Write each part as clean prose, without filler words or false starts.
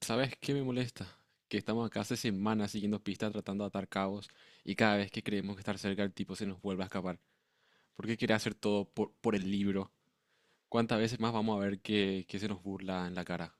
¿Sabes qué me molesta? Que estamos acá hace semanas siguiendo pistas, tratando de atar cabos, y cada vez que creemos que estar cerca el tipo se nos vuelve a escapar. ¿Por qué quiere hacer todo por el libro? ¿Cuántas veces más vamos a ver que se nos burla en la cara?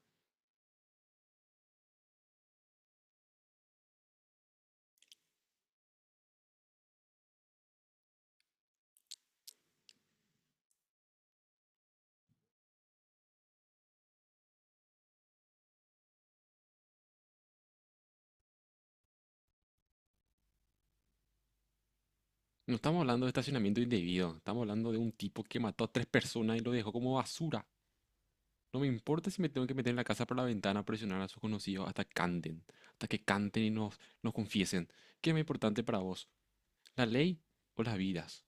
No estamos hablando de estacionamiento indebido, estamos hablando de un tipo que mató a tres personas y lo dejó como basura. No me importa si me tengo que meter en la casa por la ventana a presionar a sus conocidos hasta canten, hasta que canten y nos confiesen. ¿Qué es más importante para vos? ¿La ley o las vidas?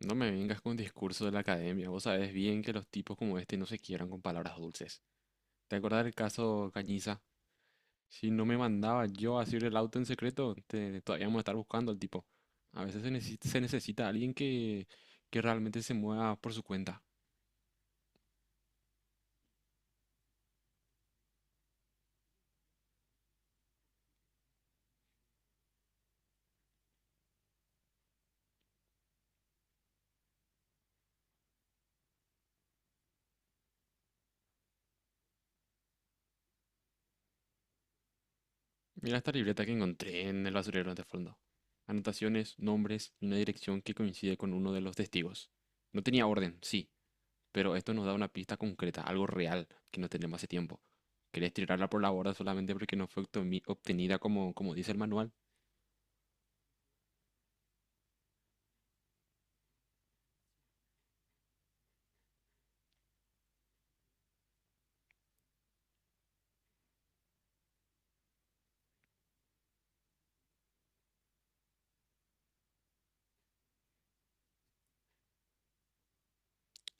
No me vengas con discurso de la academia. Vos sabés bien que los tipos como este no se quieran con palabras dulces. ¿Te acordás del caso Cañiza? Si no me mandaba yo a hacer el auto en secreto, todavía vamos a estar buscando al tipo. A veces se necesita alguien que realmente se mueva por su cuenta. Mira esta libreta que encontré en el basurero de fondo. Anotaciones, nombres y una dirección que coincide con uno de los testigos. No tenía orden, sí, pero esto nos da una pista concreta, algo real que no tenemos hace tiempo. ¿Querés tirarla por la borda solamente porque no fue obtenida como dice el manual?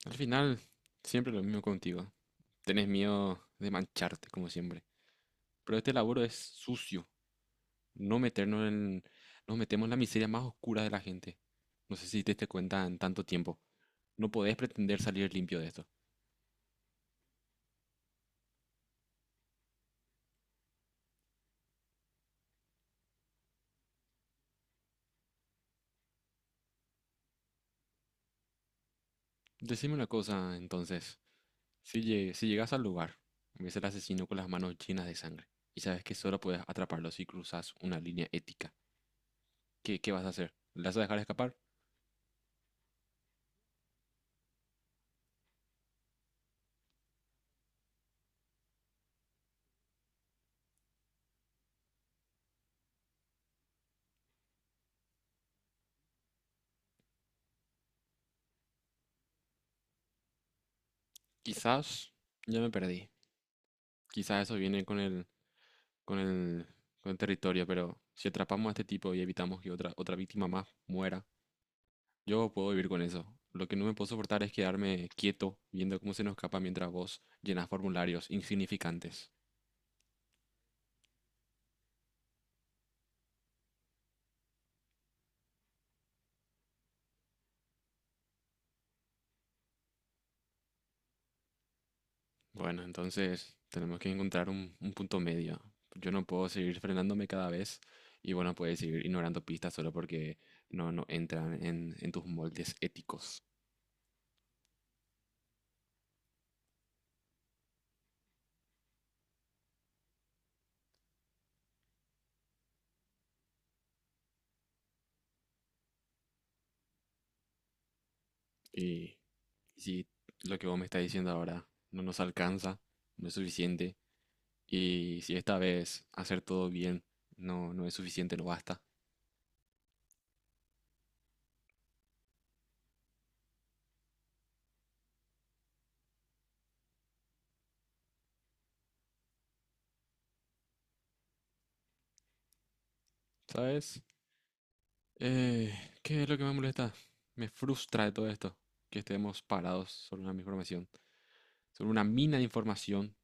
Al final, siempre lo mismo contigo. Tenés miedo de mancharte, como siempre. Pero este laburo es sucio. No meternos en... Nos metemos en la miseria más oscura de la gente. No sé si te diste cuenta en tanto tiempo. No podés pretender salir limpio de esto. Decime una cosa, entonces. Si llegas al lugar, ves al asesino con las manos llenas de sangre y sabes que solo puedes atraparlo si cruzas una línea ética. ¿Qué vas a hacer? ¿Le vas a dejar escapar? Quizás ya me perdí. Quizás eso viene con el, con el territorio, pero si atrapamos a este tipo y evitamos que otra víctima más muera, yo puedo vivir con eso. Lo que no me puedo soportar es quedarme quieto viendo cómo se nos escapa mientras vos llenas formularios insignificantes. Bueno, entonces tenemos que encontrar un punto medio. Yo no puedo seguir frenándome cada vez y bueno, puedes seguir ignorando pistas solo porque no entran en tus moldes éticos. Y si lo que vos me estás diciendo ahora no nos alcanza, no es suficiente, y si esta vez hacer todo bien no es suficiente, no basta. ¿Sabes? Eh, ¿Qué es lo que me molesta? Me frustra de todo esto, que estemos parados sobre una misma formación sobre una mina de información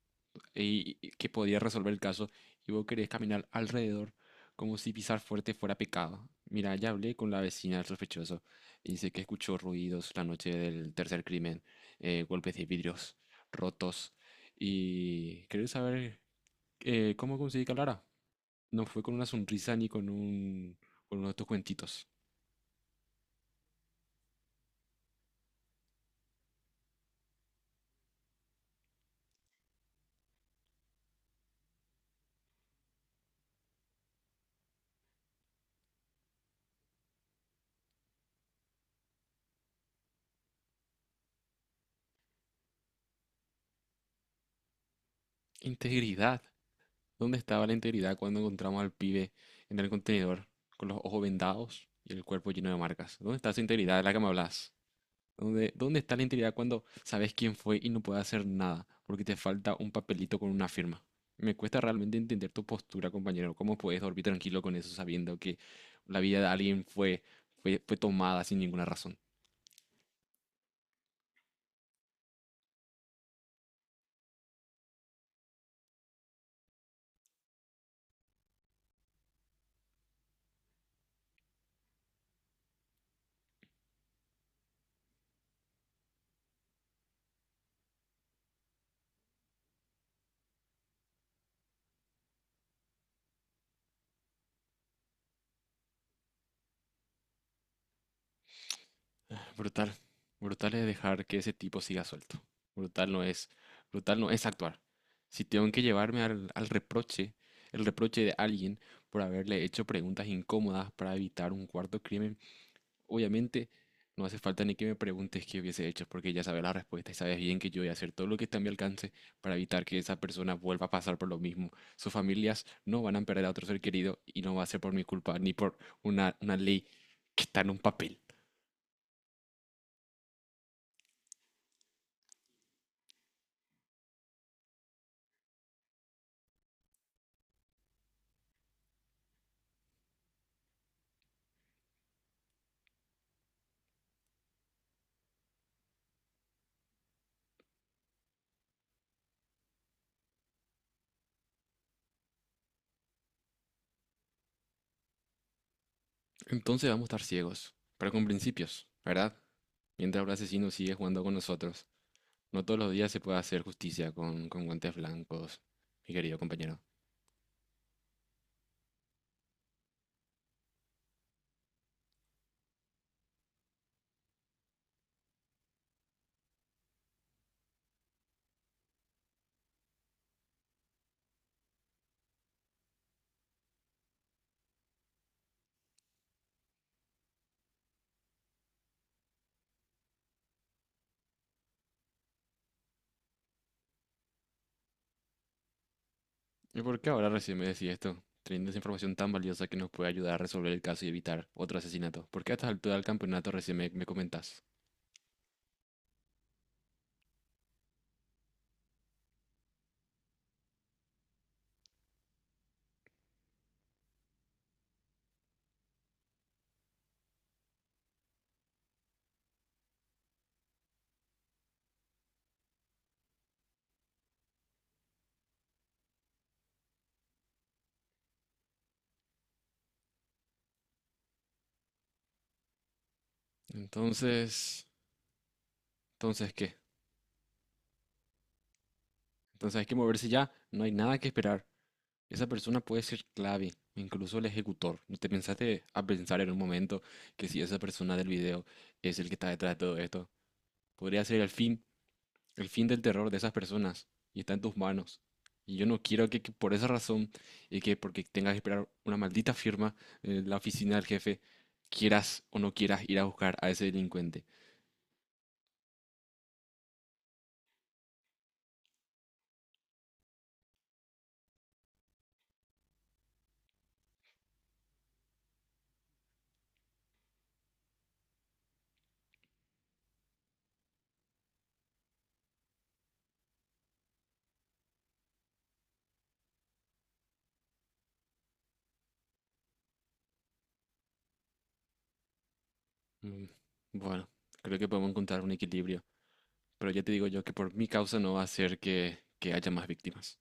y que podía resolver el caso y vos querés caminar alrededor como si pisar fuerte fuera pecado. Mira, ya hablé con la vecina del sospechoso y dice que escuchó ruidos la noche del tercer crimen, golpes de vidrios rotos y querés saber cómo conseguí que hablara. No fue con una sonrisa ni con un con uno de tus cuentitos. Integridad. ¿Dónde estaba la integridad cuando encontramos al pibe en el contenedor con los ojos vendados y el cuerpo lleno de marcas? ¿Dónde está esa integridad de la que me hablas? ¿Dónde está la integridad cuando sabes quién fue y no puedes hacer nada porque te falta un papelito con una firma? Me cuesta realmente entender tu postura, compañero. ¿Cómo puedes dormir tranquilo con eso sabiendo que la vida de alguien fue tomada sin ninguna razón? Brutal. Brutal es dejar que ese tipo siga suelto. Brutal no es, brutal no es actuar. Si tengo que llevarme al reproche, el reproche de alguien por haberle hecho preguntas incómodas para evitar un cuarto crimen, obviamente no hace falta ni que me preguntes qué hubiese hecho, porque ya sabes la respuesta y sabes bien que yo voy a hacer todo lo que está a mi alcance para evitar que esa persona vuelva a pasar por lo mismo. Sus familias no van a perder a otro ser querido y no va a ser por mi culpa ni por una ley que está en un papel. Entonces vamos a estar ciegos, pero con principios, ¿verdad? Mientras el asesino sigue jugando con nosotros. No todos los días se puede hacer justicia con guantes blancos, mi querido compañero. ¿Y por qué ahora recién me decís esto? Teniendo esa información tan valiosa que nos puede ayudar a resolver el caso y evitar otro asesinato. ¿Por qué a esta altura del campeonato recién me comentás? Entonces… ¿Entonces qué? Entonces hay que moverse ya. No hay nada que esperar. Esa persona puede ser clave, incluso el ejecutor. ¿No te pensaste a pensar en un momento que si esa persona del video es el que está detrás de todo esto? Podría ser el fin del terror de esas personas y está en tus manos. Y yo no quiero que por esa razón y que porque tengas que esperar una maldita firma en la oficina del jefe, quieras o no quieras ir a buscar a ese delincuente. Mm, Bueno, creo que podemos encontrar un equilibrio, pero ya te digo yo que por mi causa no va a ser que haya más víctimas.